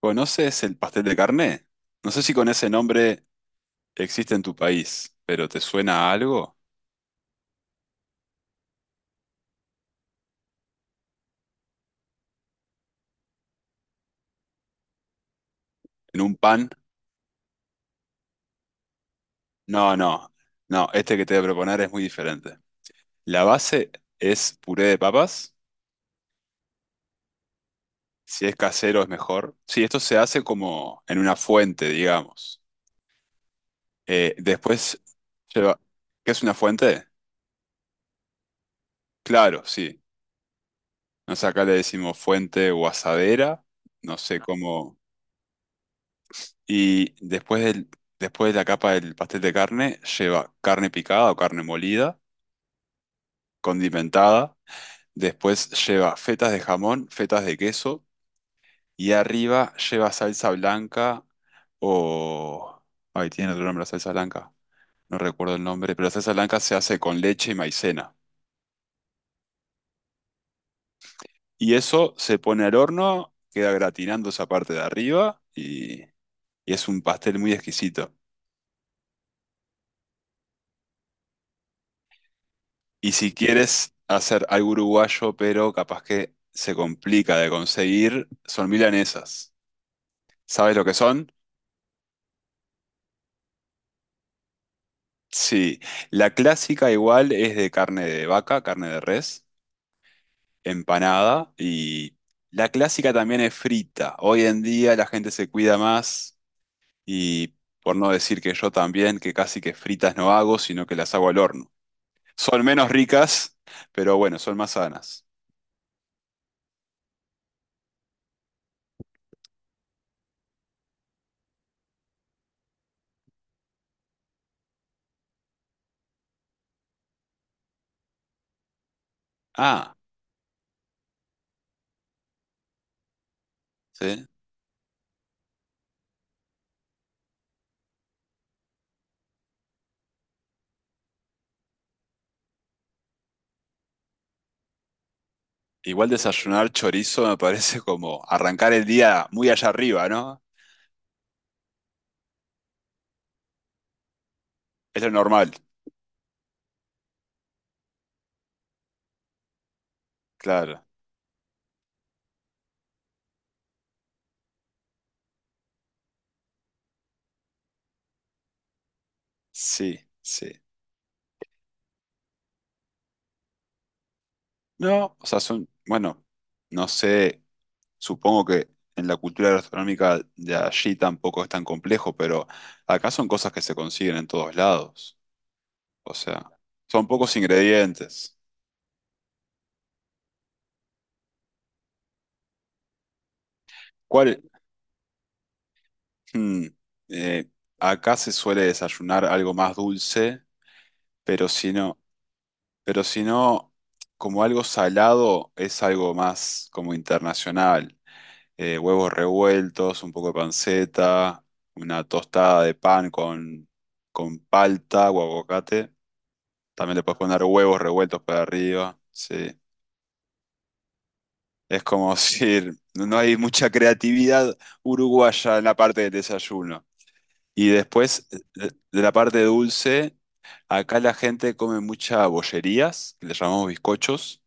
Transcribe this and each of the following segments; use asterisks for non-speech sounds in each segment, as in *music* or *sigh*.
¿Conoces el pastel de carne? No sé si con ese nombre existe en tu país, pero ¿te suena a algo? ¿En un pan? No, no, no, este que te voy a proponer es muy diferente. La base es puré de papas, si es casero es mejor. Sí, esto se hace como en una fuente, digamos. Después lleva... ¿Qué es una fuente? Claro, sí. Nos acá le decimos fuente o asadera, no sé cómo... Y después del, Después de la capa del pastel de carne, lleva carne picada o carne molida, condimentada. Después lleva fetas de jamón, fetas de queso. Y arriba lleva salsa blanca o... Ay, tiene otro nombre la salsa blanca. No recuerdo el nombre, pero la salsa blanca se hace con leche y maicena. Y eso se pone al horno, queda gratinando esa parte de arriba y es un pastel muy exquisito. Y si quieres hacer algo uruguayo, pero capaz que se complica de conseguir, son milanesas. ¿Sabes lo que son? Sí. La clásica igual es de carne de vaca, carne de res, empanada y la clásica también es frita. Hoy en día la gente se cuida más y por no decir que yo también, que casi que fritas no hago, sino que las hago al horno. Son menos ricas, pero bueno, son más sanas. Ah, sí. Igual desayunar chorizo me parece como arrancar el día muy allá arriba, ¿no? Es lo normal, claro. Sí, sí. No, o sea, son, bueno, no sé, supongo que en la cultura gastronómica de allí tampoco es tan complejo, pero acá son cosas que se consiguen en todos lados. O sea, son pocos ingredientes. ¿Cuál? Hmm, eh, Acá se suele desayunar algo más dulce, pero si no. Pero si no, como algo salado, es algo más como internacional. Huevos revueltos, un poco de panceta, una tostada de pan con palta o aguacate. También le puedes poner huevos revueltos para arriba. Sí. Es como *laughs* decir, no hay mucha creatividad uruguaya en la parte del desayuno. Y después, de la parte dulce, acá la gente come mucha bollerías, que le llamamos bizcochos.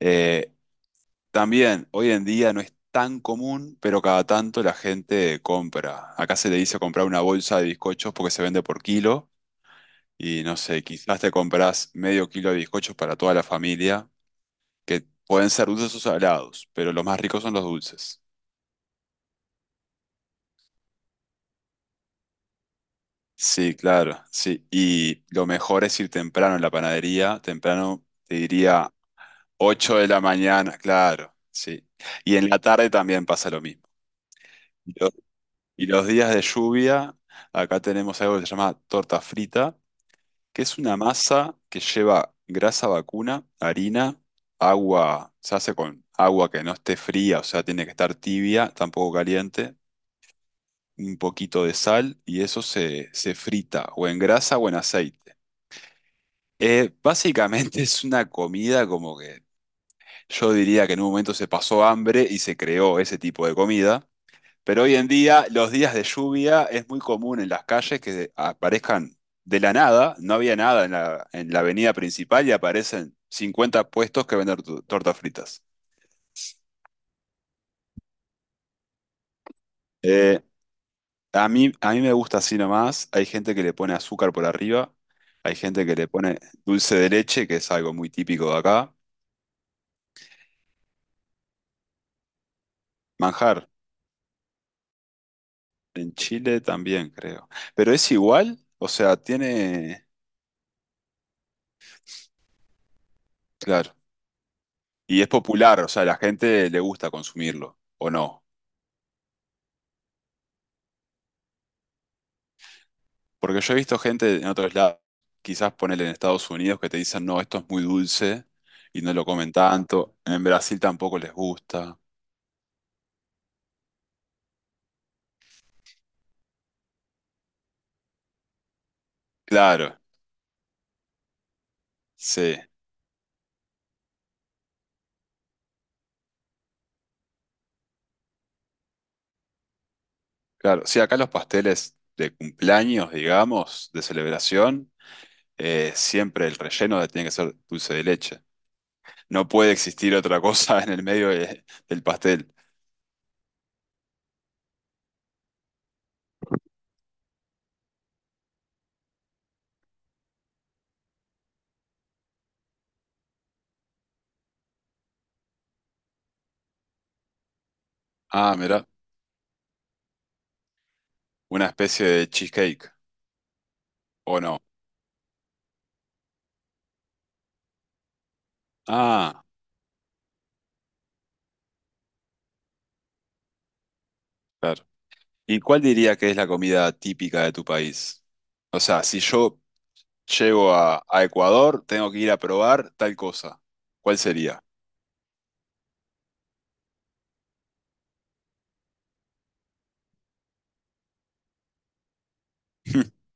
Eh, También, hoy en día no es tan común, pero cada tanto la gente compra. Acá se le dice comprar una bolsa de bizcochos porque se vende por kilo y no sé, quizás te compras medio kilo de bizcochos para toda la familia, que pueden ser dulces o salados, pero los más ricos son los dulces. Sí, claro, sí. Y lo mejor es ir temprano en la panadería, temprano te diría 8 de la mañana, claro, sí. Y en la tarde también pasa lo mismo. Y los días de lluvia, acá tenemos algo que se llama torta frita, que es una masa que lleva grasa vacuna, harina, agua, se hace con agua que no esté fría, o sea, tiene que estar tibia, tampoco caliente, un poquito de sal y eso se frita o en grasa o en aceite. Básicamente *laughs* es una comida como que yo diría que en un momento se pasó hambre y se creó ese tipo de comida. Pero hoy en día, los días de lluvia es muy común en las calles que aparezcan de la nada, no había nada en la avenida principal y aparecen 50 puestos que venden tortas fritas. Eh, a mí me gusta así nomás. Hay gente que le pone azúcar por arriba, hay gente que le pone dulce de leche, que es algo muy típico de acá. Manjar, en Chile también, creo. Pero es igual, o sea, tiene, claro, y es popular, o sea, a la gente le gusta consumirlo, ¿o no? Porque yo he visto gente en otros lados, quizás ponele en Estados Unidos, que te dicen, no, esto es muy dulce y no lo comen tanto. En Brasil tampoco les gusta. Claro, sí, claro. Sí, acá los pasteles de cumpleaños, digamos, de celebración, siempre el relleno tiene que ser dulce de leche. No puede existir otra cosa *laughs* en el medio del pastel. Ah, mira, una especie de cheesecake, ¿o no? Ah, claro. ¿Y cuál diría que es la comida típica de tu país? O sea, si yo llego a Ecuador, tengo que ir a probar tal cosa. ¿Cuál sería? *laughs*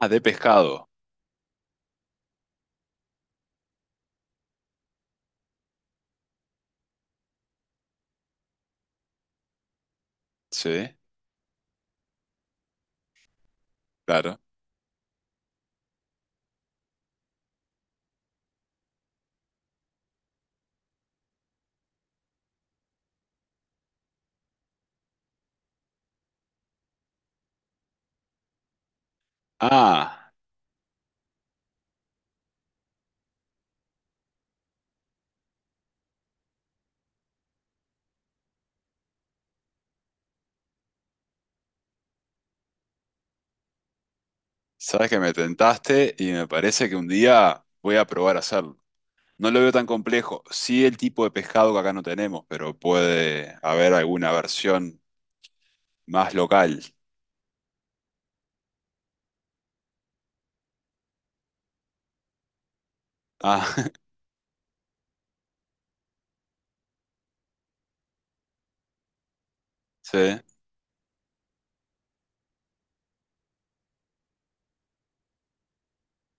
Ah, de pescado. Sí, claro. Ah, sabes que me tentaste y me parece que un día voy a probar a hacerlo. No lo veo tan complejo. Sí, el tipo de pescado que acá no tenemos, pero puede haber alguna versión más local. Ah, *laughs* sí,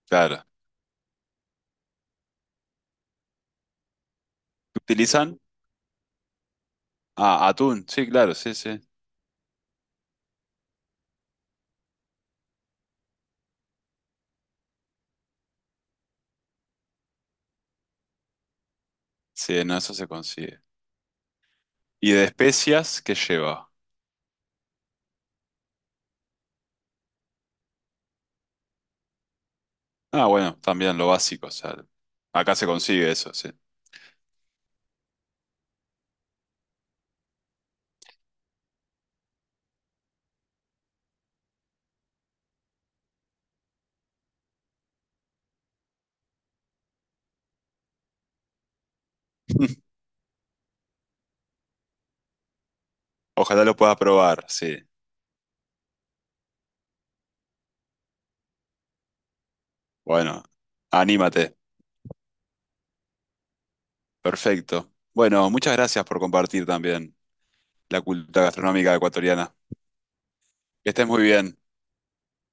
claro. ¿Qué utilizan? Ah, atún. Sí, claro, sí, sí. Sí, no, eso se consigue. ¿Y de especias qué lleva? Ah, bueno, también lo básico, o sea, acá se consigue eso, sí. *laughs* Ojalá lo puedas probar, sí. Bueno, anímate. Perfecto. Bueno, muchas gracias por compartir también la cultura gastronómica ecuatoriana. Que estés muy bien.